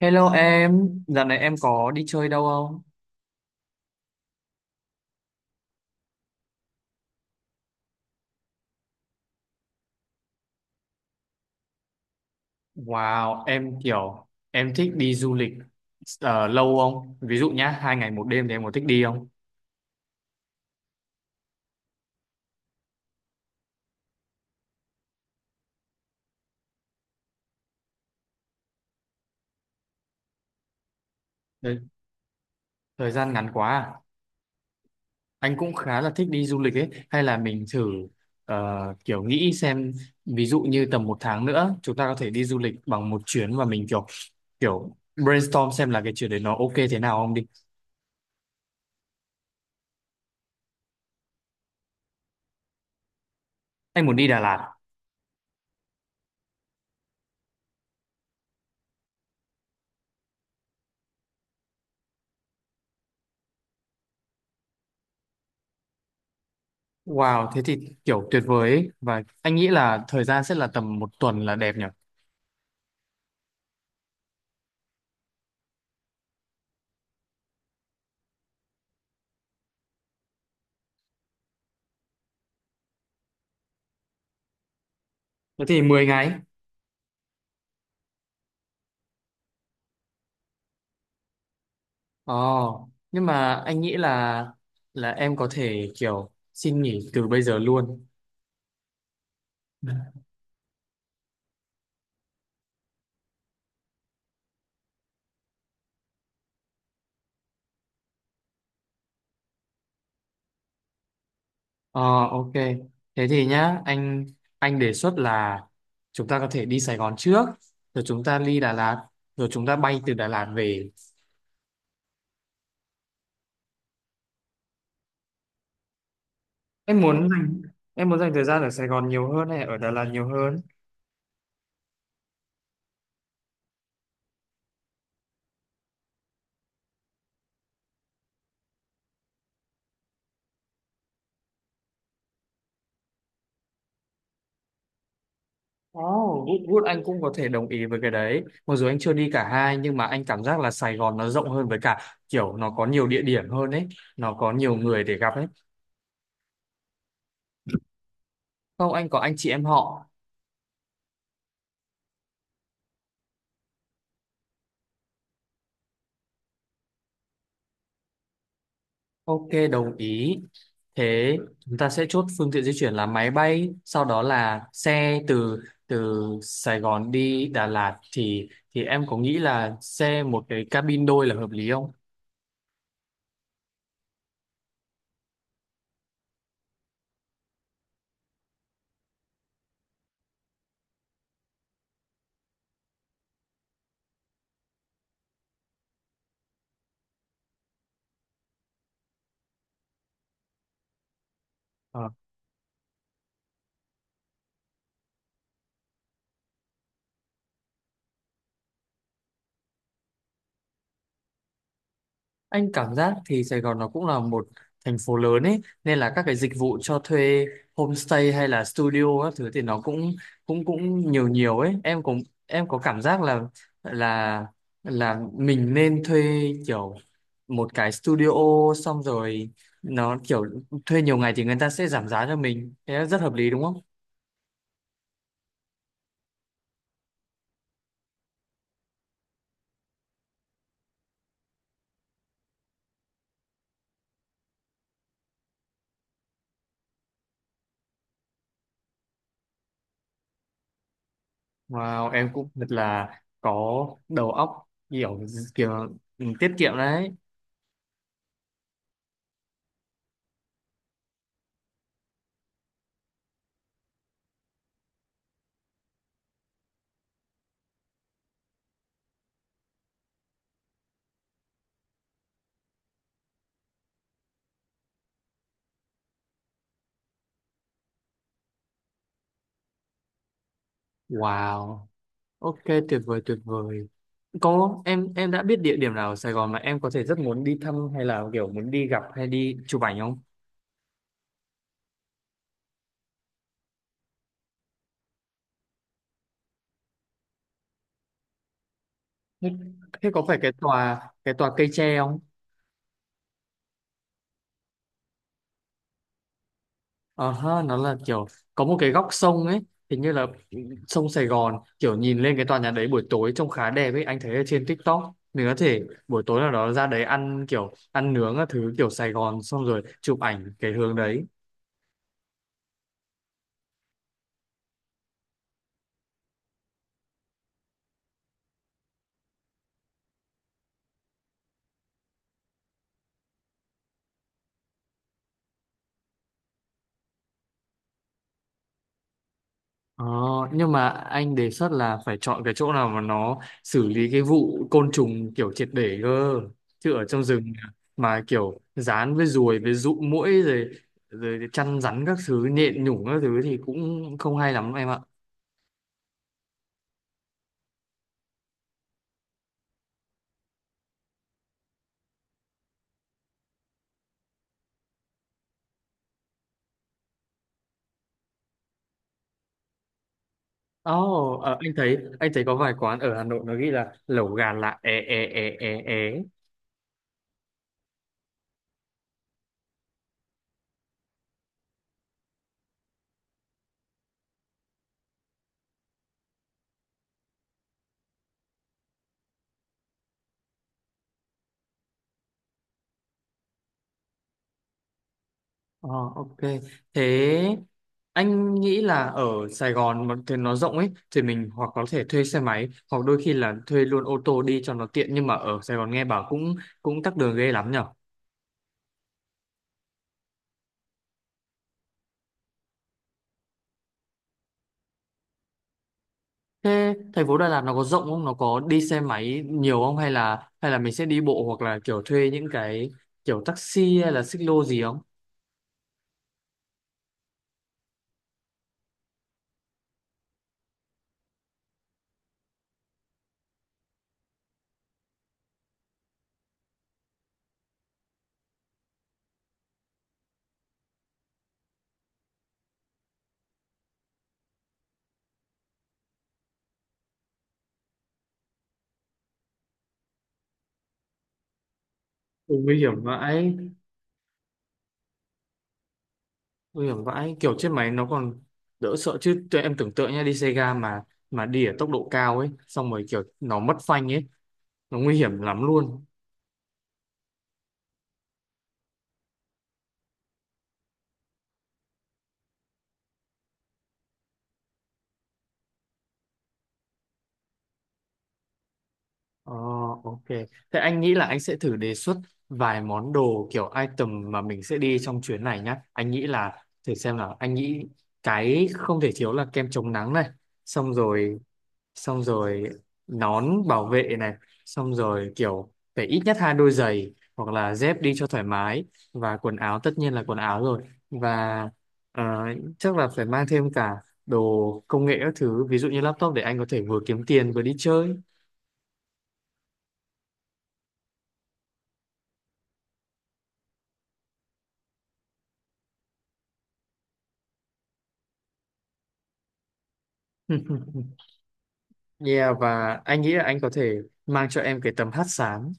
Hello em, dạo này em có đi chơi đâu không? Wow, em kiểu em thích đi du lịch lâu không? Ví dụ nhá, 2 ngày một đêm thì em có thích đi không? Thời, thời gian ngắn quá à. Anh cũng khá là thích đi du lịch ấy. Hay là mình thử ờ, kiểu nghĩ xem, ví dụ như tầm một tháng nữa chúng ta có thể đi du lịch bằng một chuyến và mình kiểu kiểu brainstorm xem là cái chuyến đấy nó ok thế nào không đi. Anh muốn đi Đà Lạt. Wow, thế thì kiểu tuyệt vời ấy. Và anh nghĩ là thời gian sẽ là tầm một tuần là đẹp nhỉ? Thế thì 10 ngày. Ồ, nhưng mà anh nghĩ là em có thể kiểu xin nghỉ từ bây giờ luôn. Ờ, ok. Thế thì nhá, anh đề xuất là chúng ta có thể đi Sài Gòn trước, rồi chúng ta đi Đà Lạt, rồi chúng ta bay từ Đà Lạt về. Em muốn dành em muốn dành thời gian ở Sài Gòn nhiều hơn hay ở Đà Lạt nhiều hơn? Oh, good, good. Anh cũng có thể đồng ý với cái đấy. Mặc dù anh chưa đi cả hai nhưng mà anh cảm giác là Sài Gòn nó rộng hơn, với cả kiểu nó có nhiều địa điểm hơn ấy, nó có nhiều người để gặp ấy. Không, anh có anh chị em họ. Ok, đồng ý. Thế chúng ta sẽ chốt phương tiện di chuyển là máy bay, sau đó là xe từ từ Sài Gòn đi Đà Lạt thì em có nghĩ là xe một cái cabin đôi là hợp lý không? Ờ. Anh cảm giác thì Sài Gòn nó cũng là một thành phố lớn ấy nên là các cái dịch vụ cho thuê homestay hay là studio các thứ thì nó cũng cũng cũng nhiều nhiều ấy, em cũng em có cảm giác là là là mình nên thuê kiểu một cái studio, xong rồi nó kiểu thuê nhiều ngày thì người ta sẽ giảm giá cho mình, thế là rất hợp lý đúng không? Wow, em cũng thật là có đầu óc kiểu kiểu tiết kiệm đấy. Wow, ok, tuyệt vời tuyệt vời. Có, em đã biết địa điểm nào ở Sài Gòn mà em có thể rất muốn đi thăm hay là kiểu muốn đi gặp hay đi chụp ảnh không? Thế thế có phải cái tòa cây tre không? Ờ ha, nó là kiểu có một cái góc sông ấy, hình như là sông Sài Gòn, kiểu nhìn lên cái tòa nhà đấy buổi tối trông khá đẹp ấy, anh thấy ở trên TikTok. Mình có thể buổi tối nào đó ra đấy ăn kiểu ăn nướng các thứ kiểu Sài Gòn xong rồi chụp ảnh cái hướng đấy. Ờ, nhưng mà anh đề xuất là phải chọn cái chỗ nào mà nó xử lý cái vụ côn trùng kiểu triệt để cơ, chứ ở trong rừng mà kiểu dán với ruồi với dụ muỗi rồi rồi chăn rắn các thứ nhện nhủng các thứ thì cũng không hay lắm em ạ. Ồ, anh thấy có vài quán ở Hà Nội nó ghi là lẩu gà lạ é é é é é. Ờ, ok. Thế anh nghĩ là ở Sài Gòn mà thì nó rộng ấy thì mình hoặc có thể thuê xe máy hoặc đôi khi là thuê luôn ô tô đi cho nó tiện, nhưng mà ở Sài Gòn nghe bảo cũng cũng tắc đường ghê lắm nhở. Thế thành phố Đà Lạt nó có rộng không? Nó có đi xe máy nhiều không, hay là mình sẽ đi bộ hoặc là kiểu thuê những cái kiểu taxi hay là xích lô gì không? Ừ, nguy hiểm vãi. Nguy hiểm vãi, kiểu chết máy nó còn đỡ sợ, chứ tụi em tưởng tượng nha, đi xe ga mà đi ở tốc độ cao ấy xong rồi kiểu nó mất phanh ấy, nó nguy hiểm lắm luôn. ờ, ok, thế anh nghĩ là anh sẽ thử đề xuất vài món đồ kiểu item mà mình sẽ đi trong chuyến này nhá. Anh nghĩ là thử xem, là anh nghĩ cái không thể thiếu là kem chống nắng này, xong rồi xong rồi nón bảo vệ này, xong rồi kiểu phải ít nhất hai đôi giày hoặc là dép đi cho thoải mái, và quần áo tất nhiên là quần áo rồi, và ờ, chắc là phải mang thêm cả đồ công nghệ các thứ, ví dụ như laptop để anh có thể vừa kiếm tiền vừa đi chơi. Yeah, và anh nghĩ là anh có thể mang cho em cái tấm hắt sáng.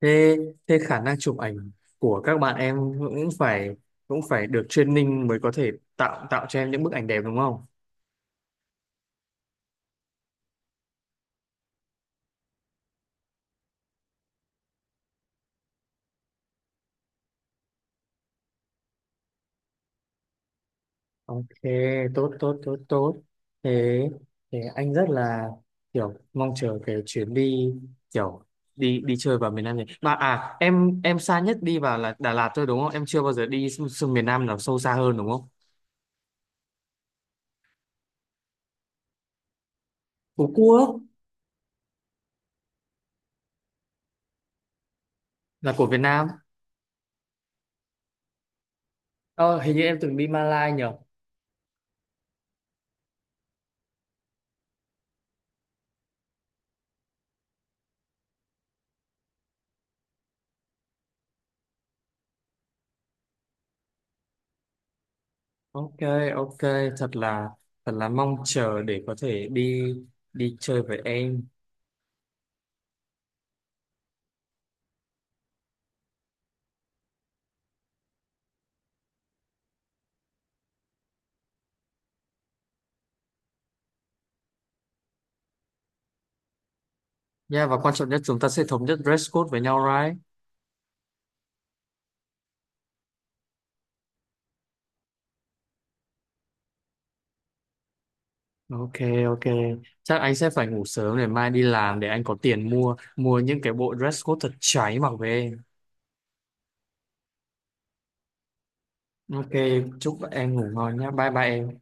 Thế thế khả năng chụp ảnh của các bạn em cũng phải được training mới có thể tạo tạo cho em những bức ảnh đẹp đúng không? Ok, tốt tốt tốt tốt. Thế thế anh rất là kiểu mong chờ cái chuyến đi kiểu đi đi chơi vào miền Nam này. Mà em xa nhất đi vào là Đà Lạt thôi đúng không? Em chưa bao giờ đi xuống miền Nam nào sâu xa hơn đúng không? Phú Quốc là của Việt Nam. Ờ, hình như em từng đi Malai nhỉ? Ok, ok, thật là thật là mong chờ để có thể đi đi chơi với em. Nha, và quan trọng nhất chúng ta sẽ thống nhất dress code với nhau, right? Ok, ok, chắc anh sẽ phải ngủ sớm để mai đi làm, để anh có tiền mua mua những cái bộ dress code thật cháy mặc về. Ok, chúc em ngủ ngon nhé. Bye bye em.